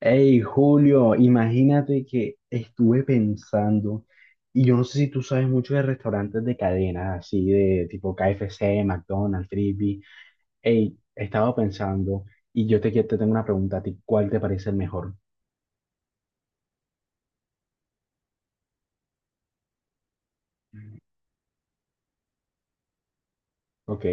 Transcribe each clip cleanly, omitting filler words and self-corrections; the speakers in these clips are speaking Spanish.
Hey, Julio, imagínate que estuve pensando, y yo no sé si tú sabes mucho de restaurantes de cadenas, así de tipo KFC, McDonald's, Frisby. Hey, estaba pensando, y te tengo una pregunta a ti, ¿cuál te parece el mejor? Ok,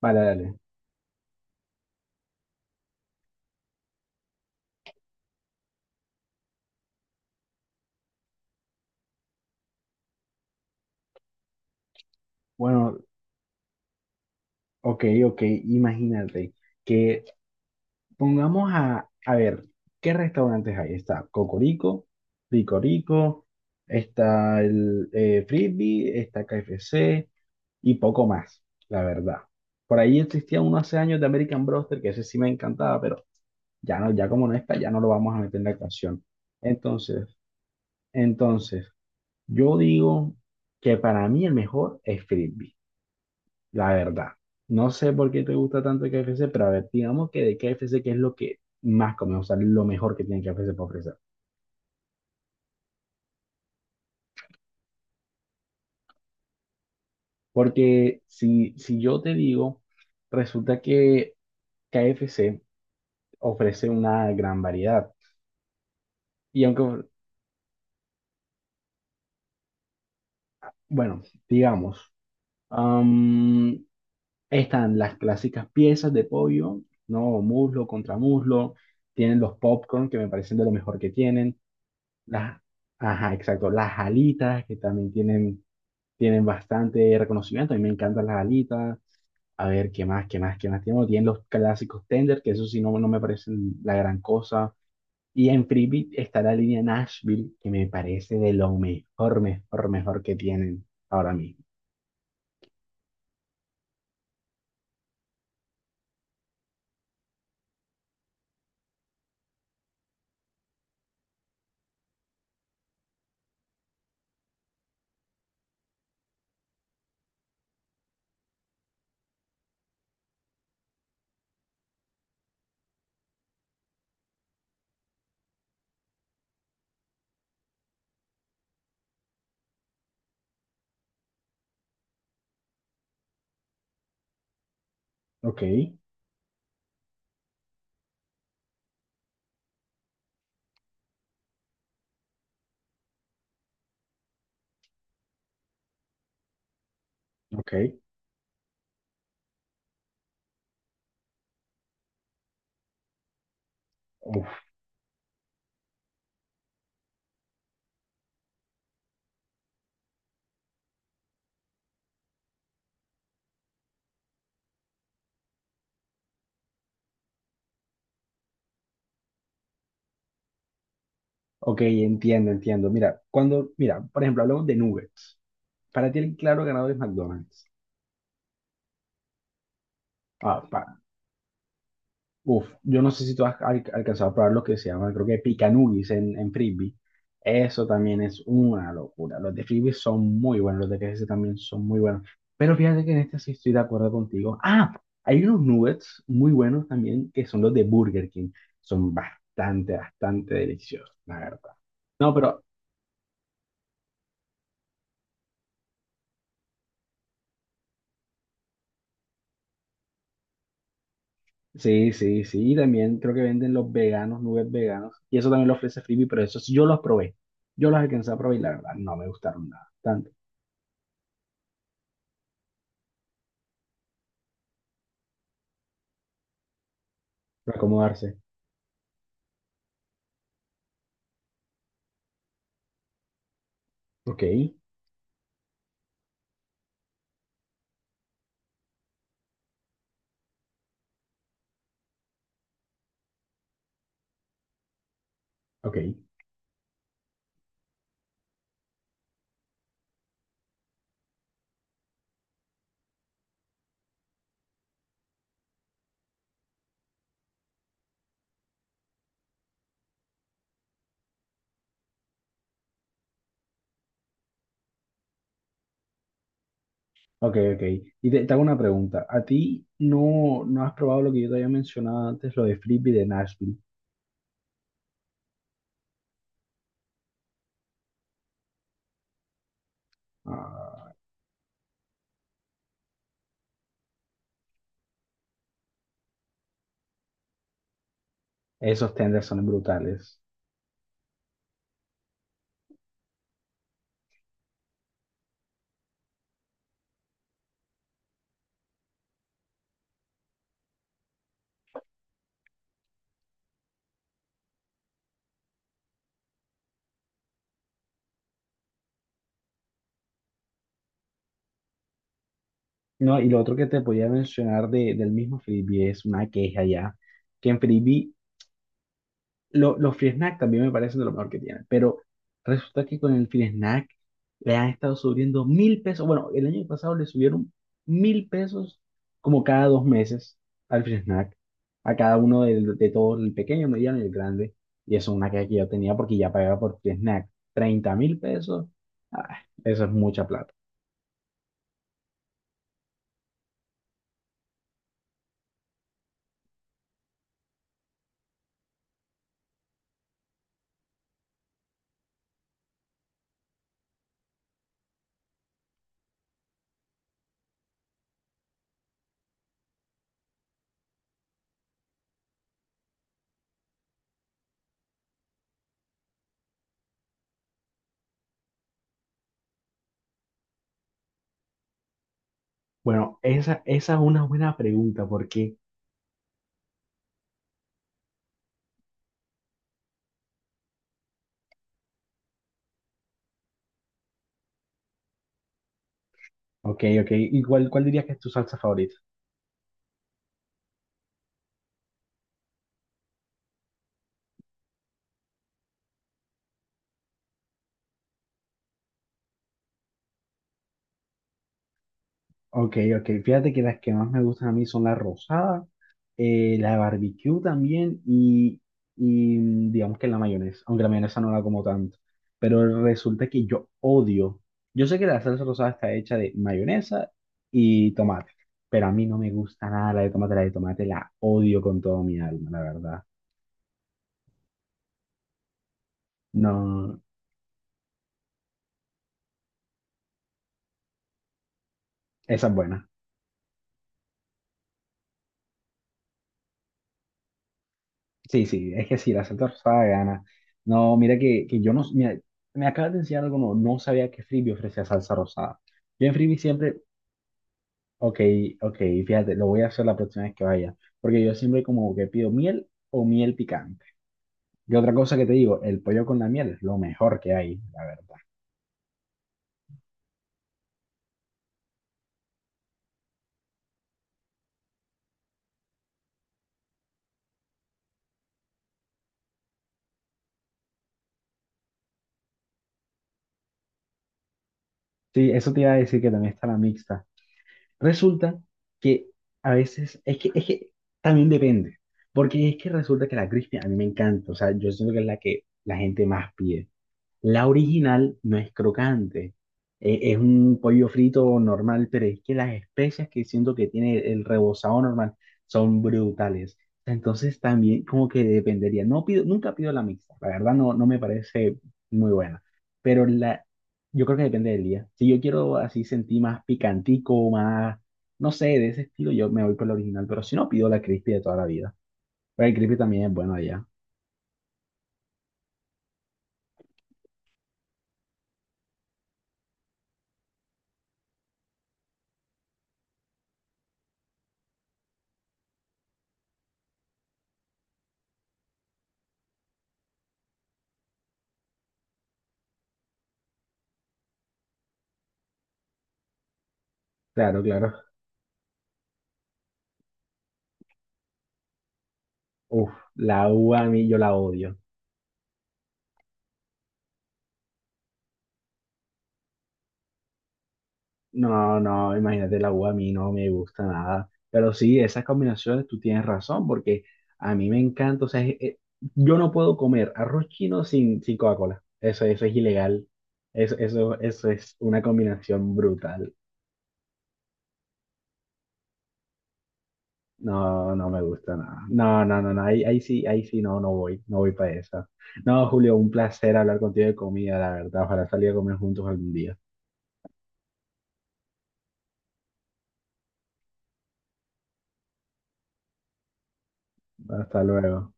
vale, dale. Bueno, ok, imagínate que pongamos a ver, ¿qué restaurantes hay? Está Cocorico, Ricorico, está el Frisbee, está KFC y poco más, la verdad. Por ahí existía uno hace años de American Broster, que ese sí me encantaba, pero ya no, ya como no está, ya no lo vamos a meter en la ecuación. Entonces, entonces, yo digo que para mí el mejor es Frisbee. La verdad, no sé por qué te gusta tanto el KFC, pero a ver, digamos que de KFC, ¿qué es lo que más comemos? O sea, lo mejor que tiene KFC para ofrecer. Porque si yo te digo, resulta que KFC ofrece una gran variedad. Y aunque, bueno, digamos, am, están las clásicas piezas de pollo, ¿no? Muslo contra muslo. Tienen los popcorn, que me parecen de lo mejor que tienen. Las, ajá, exacto. Las alitas, que también tienen bastante reconocimiento. A mí me encantan las alitas. A ver, ¿qué más tenemos? Tienen los clásicos tender, que eso sí no me parecen la gran cosa. Y en Freebie está la línea Nashville, que me parece de lo mejor que tienen ahora mismo. Ok, ok. Uf, ok, entiendo. Mira, mira, por ejemplo, hablamos de nuggets. Para ti el claro ganador es McDonald's. Ah, uf, yo no sé si tú has alcanzado a probar lo que se llama, creo que picanugis en frisbee. Eso también es una locura. Los de frisbee son muy buenos, los de KFC también son muy buenos. Pero fíjate que en este sí estoy de acuerdo contigo. Ah, hay unos nuggets muy buenos también que son los de Burger King. Son bastante deliciosos, la verdad. No, pero sí. Y también creo que venden los veganos, nuggets veganos. Y eso también lo ofrece frisbee, pero esos yo los probé. Yo los alcancé a probar y la verdad no me gustaron nada. Tanto para acomodarse. Ok, ok, ok. Y te hago una pregunta. ¿A ti no has probado lo que yo te había mencionado antes, lo de Frisbee de Nashville? Ah, esos tenders son brutales. No, y lo otro que te podía mencionar de, del mismo Frisbee es una queja ya, que en Frisbee los free snack también me parecen de lo mejor que tienen, pero resulta que con el free snack le han estado subiendo 1000 pesos. Bueno, el año pasado le subieron 1000 pesos como cada dos meses al free snack, a cada uno de todos, el pequeño, mediano y el grande. Y eso es una queja que yo tenía porque ya pagaba por free snack 30 mil pesos. Ah, eso es mucha plata. Bueno, esa es una buena pregunta porque, ok, ¿y cuál dirías que es tu salsa favorita? Ok, ok. Fíjate que las que más me gustan a mí son la rosada, la barbecue también y, digamos que la mayonesa, aunque la mayonesa no la como tanto, pero resulta que yo odio, yo sé que la salsa rosada está hecha de mayonesa y tomate, pero a mí no me gusta nada la de tomate, la de tomate la odio con todo mi alma, la verdad. No, esa es buena. Sí, sí, es que sí, la salsa rosada gana. No, mira que yo no, mira, me acabas de enseñar algo, no, no sabía que Frisbee ofrecía salsa rosada. Yo en Frisbee siempre. Ok, ok, fíjate, lo voy a hacer la próxima vez que vaya, porque yo siempre como que pido miel o miel picante. Y otra cosa que te digo, el pollo con la miel es lo mejor que hay, la verdad. Sí, eso te iba a decir que también está la mixta. Resulta que a veces, es que también depende, porque es que resulta que la crispy a mí me encanta, o sea, yo siento que es la que la gente más pide. La original no es crocante, es un pollo frito normal, pero es que las especias que siento que tiene el rebozado normal son brutales. Entonces también como que dependería. No pido, nunca pido la mixta, la verdad no, no me parece muy buena, pero la, yo creo que depende del día. Si yo quiero así sentir más picantico, más, no sé, de ese estilo, yo me voy por la original, pero si no pido la crispy de toda la vida. Pero el crispy también es bueno allá. Claro, claro. Uf, la uva a mí yo la odio. No, no, imagínate, la uva a mí no me gusta nada. Pero sí, esas combinaciones tú tienes razón, porque a mí me encanta. O sea, yo no puedo comer arroz chino sin Coca-Cola. Eso es ilegal. Eso es una combinación brutal. No, no me gusta nada. No, no, no, no. Ahí sí no, no voy. No voy para esa. No, Julio, un placer hablar contigo de comida, la verdad. Ojalá salir a comer juntos algún día. Hasta luego.